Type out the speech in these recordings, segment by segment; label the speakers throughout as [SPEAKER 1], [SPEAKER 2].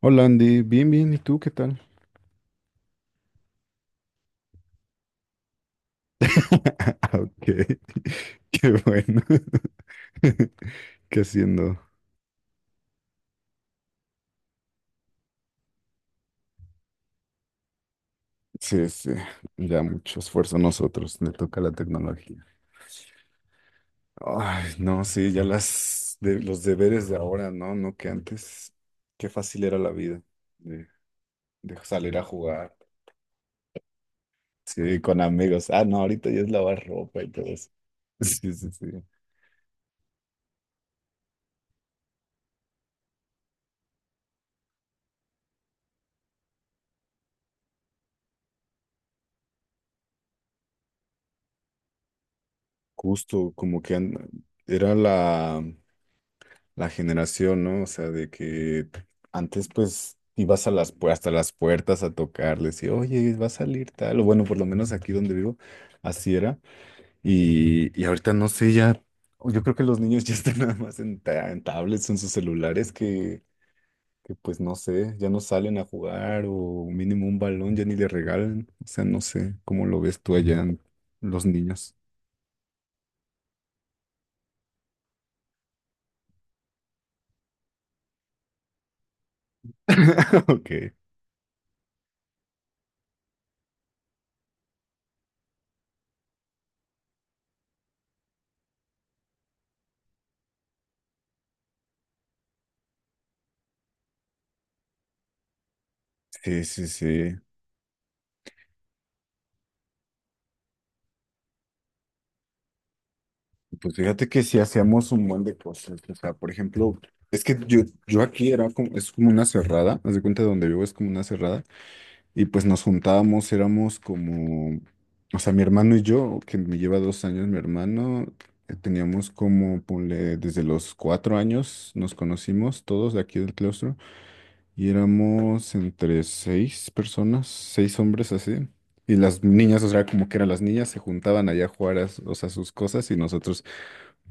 [SPEAKER 1] Hola Andy, bien, bien, ¿y tú qué tal? Ah, Ok, qué bueno. ¿Qué haciendo? Sí, sí, ya mucho esfuerzo a nosotros, le toca la tecnología. Ay, no, sí, ya las de, los deberes de ahora, no, no que antes, qué fácil era la vida de, de salir a jugar, sí, con amigos. Ah, no, ahorita ya es lavar ropa y todo eso. Sí, sí, sí. Justo, como que era la generación, ¿no? O sea, de que antes pues ibas hasta las puertas a tocarles y, oye, va a salir tal, o bueno, por lo menos aquí donde vivo, así era. Y ahorita no sé, ya, yo creo que los niños ya están nada más en tablets, en sus celulares, que pues no sé, ya no salen a jugar o mínimo un balón ya ni le regalan. O sea, no sé, ¿cómo lo ves tú allá, los niños? Ok. Sí, sí, sí. Pues fíjate que sí hacíamos un buen de cosas. O sea, por ejemplo, es que yo aquí era como, es como una cerrada, haz de cuenta de donde vivo es como una cerrada, y pues nos juntábamos, éramos como, o sea, mi hermano y yo, que me lleva 2 años mi hermano, teníamos como, ponle, desde los 4 años nos conocimos todos de aquí del claustro, y éramos entre seis personas, seis hombres así. Y las niñas, o sea, como que eran las niñas, se juntaban allá a jugar, o sea, sus cosas y nosotros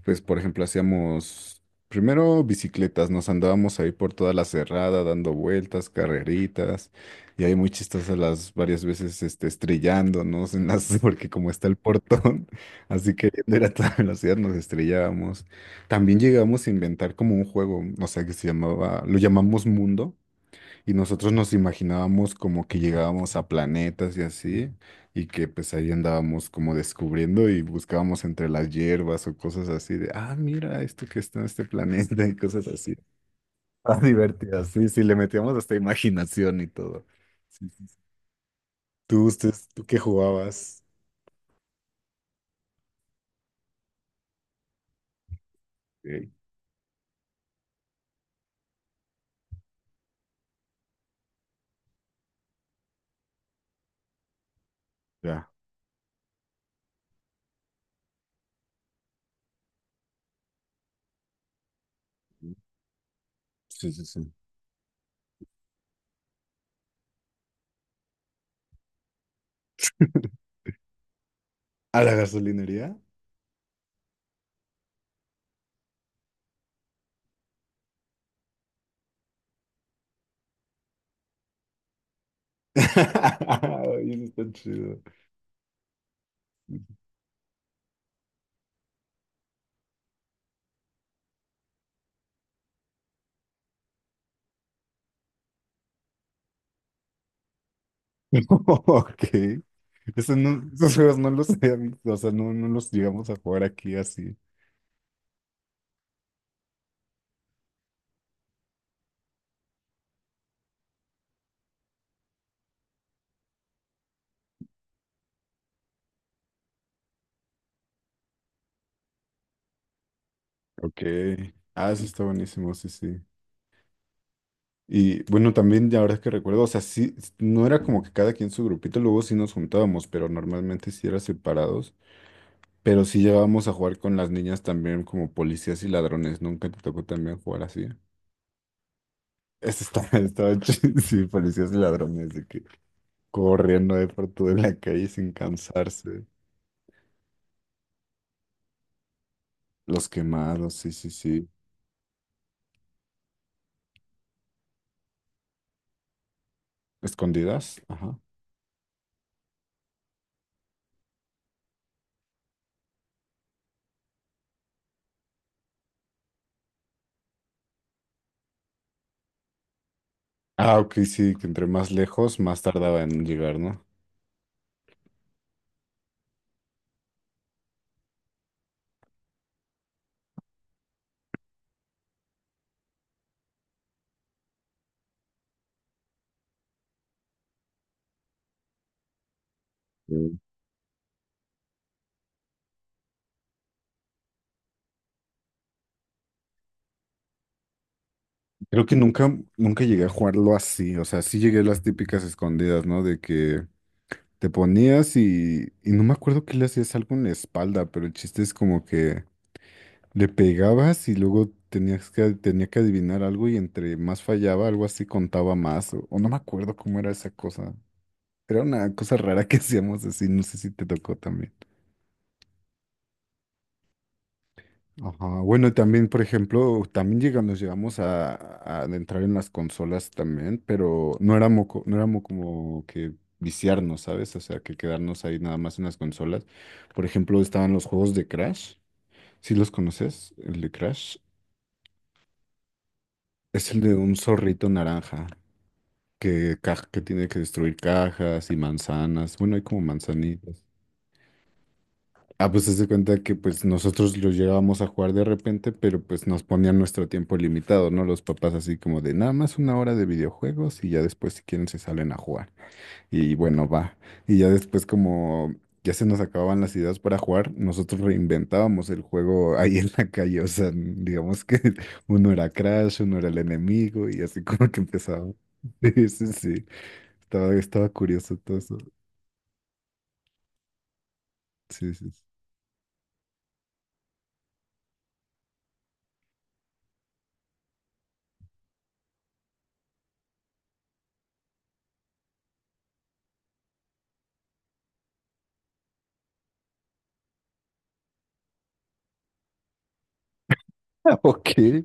[SPEAKER 1] pues, por ejemplo, hacíamos primero bicicletas, nos andábamos ahí por toda la cerrada, dando vueltas, carreritas, y ahí muy chistosas las varias veces estrellándonos en las, porque como está el portón, así que era a toda velocidad nos estrellábamos. También llegamos a inventar como un juego, o sea, que se llamaba, lo llamamos Mundo, y nosotros nos imaginábamos como que llegábamos a planetas y así, y que pues ahí andábamos como descubriendo y buscábamos entre las hierbas o cosas así de, ah, mira esto que está en este planeta y cosas así. Ah, divertidas. Sí, sí, le metíamos hasta imaginación y todo. Sí, sí, sí. ¿Tú, ustedes, tú qué jugabas? Eh, ya. Sí, sí, sí. ¿A la gasolinería? Ay, eso está chido. Ok. Eso no, esos juegos no los o sea, no, no los llegamos a jugar aquí así. Ok. Ah, eso está buenísimo, sí, sí. Y bueno, también ya ahora que recuerdo, o sea, sí, no era como que cada quien su grupito, luego sí nos juntábamos, pero normalmente sí era separados. Pero sí llegábamos a jugar con las niñas también como policías y ladrones. Nunca te tocó también jugar así. Eso estaba, estaba chido, sí, policías y ladrones, de que corriendo de por toda la calle sin cansarse. Los quemados, sí, sí, sí. Escondidas. Ajá. Ah, ok, sí, que entre más lejos, más tardaba en llegar, ¿no? Mm. Creo que nunca, nunca llegué a jugarlo así. O sea, sí llegué a las típicas escondidas, ¿no? De que te ponías y no me acuerdo que le hacías algo en la espalda, pero el chiste es como que le pegabas y luego tenía que adivinar algo y entre más fallaba, algo así contaba más. O no me acuerdo cómo era esa cosa. Era una cosa rara que hacíamos así, no sé si te tocó también. Ajá, bueno, también, por ejemplo, también nos llegamos a adentrar en las consolas también, pero no éramos, no éramos como que viciarnos, ¿sabes? O sea, que quedarnos ahí nada más en las consolas. Por ejemplo, estaban los juegos de Crash. ¿Sí los conoces? El de Crash. Es el de un zorrito naranja que tiene que destruir cajas y manzanas. Bueno, hay como manzanitas. Ah, pues se cuenta que pues nosotros los llegábamos a jugar de repente, pero pues nos ponían nuestro tiempo limitado, ¿no? Los papás así como de nada más una hora de videojuegos y ya después si quieren se salen a jugar. Y bueno, va. Y ya después como ya se nos acababan las ideas para jugar, nosotros reinventábamos el juego ahí en la calle. O sea, digamos que uno era Crash, uno era el enemigo y así como que empezaba. Sí, sí, sí. Estaba curioso todo eso. Sí, sí. Sí. Ok.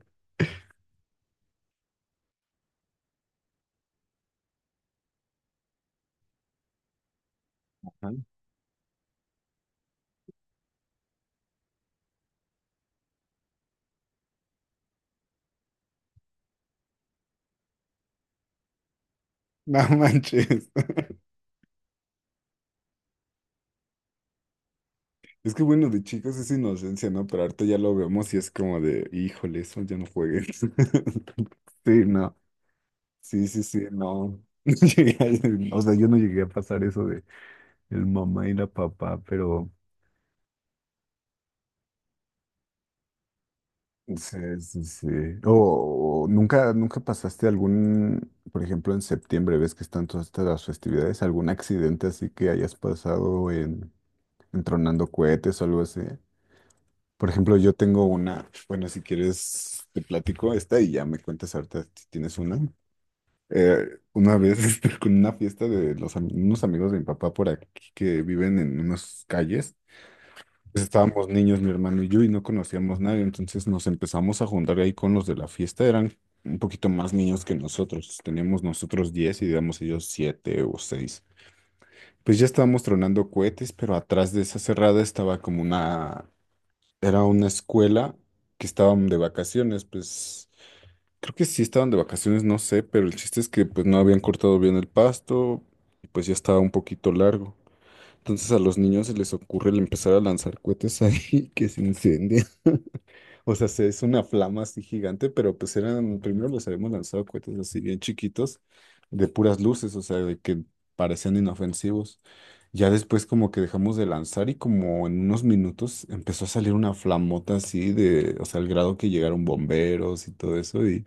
[SPEAKER 1] Ah. No manches. Es que bueno, de chicos es inocencia, ¿no? Pero ahorita ya lo vemos y es como de, híjole, eso ya no juegues. Sí, no. Sí, sí, sí, no. No llegué a- O sea, yo no llegué a pasar eso de el mamá y la papá, pero sí, sí, sí. O nunca, nunca pasaste algún, por ejemplo, en septiembre, ves que están todas estas las festividades, algún accidente así que hayas pasado en, tronando cohetes o algo así. Por ejemplo, yo tengo una, bueno, si quieres te platico esta y ya me cuentas ahorita si tienes una. Eh, una vez con una fiesta de unos amigos de mi papá por aquí que viven en unas calles, pues estábamos niños, mi hermano y yo, y no conocíamos nadie, entonces nos empezamos a juntar ahí con los de la fiesta, eran un poquito más niños que nosotros, teníamos nosotros 10 y digamos ellos 7 o 6. Pues ya estábamos tronando cohetes, pero atrás de esa cerrada estaba como una era una escuela que estaban de vacaciones, pues creo que sí estaban de vacaciones, no sé, pero el chiste es que pues no habían cortado bien el pasto y pues ya estaba un poquito largo. Entonces a los niños se les ocurre el empezar a lanzar cohetes ahí que se incendian. O sea, es una flama así gigante, pero pues eran, primero los habíamos lanzado cohetes así bien chiquitos, de puras luces, o sea, de que parecían inofensivos. Ya después como que dejamos de lanzar y como en unos minutos empezó a salir una flamota así de, o sea, al grado que llegaron bomberos y todo eso y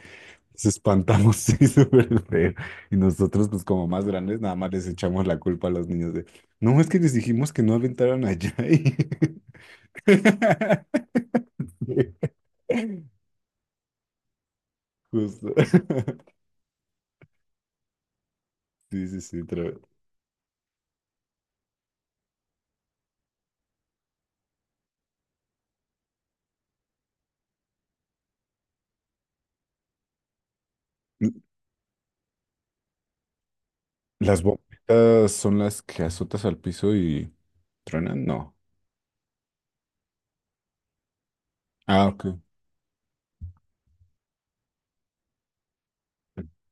[SPEAKER 1] nos espantamos, sí, súper feo. Y nosotros pues como más grandes nada más les echamos la culpa a los niños de, no, es que les dijimos que no aventaran allá y... Justo. Sí, sí, sí, tremendo. ¿Las bombitas son las que azotas al piso y truenan? No. Ah, ok.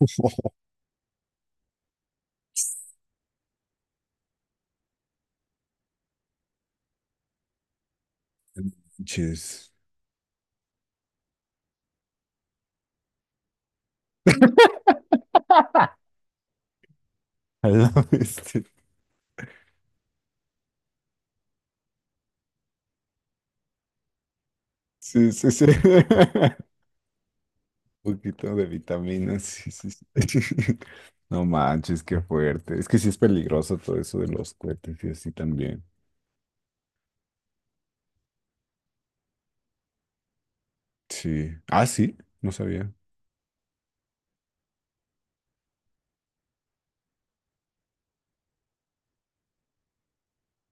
[SPEAKER 1] Oh, jeez. A la bestia. Sí, sí, sí. Un poquito de vitaminas, sí, sí, sí. No manches, qué fuerte. Es que sí es peligroso todo eso de los cohetes y así también. Sí. Ah, sí, no sabía.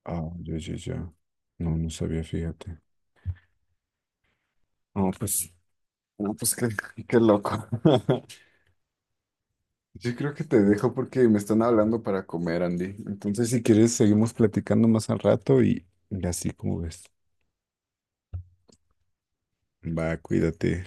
[SPEAKER 1] Ah, ya, ya, ya. No, no sabía, fíjate. No, pues, no, pues qué, qué loco. Yo creo que te dejo porque me están hablando para comer, Andy. Entonces, si quieres, seguimos platicando más al rato y así como ves. Va, cuídate.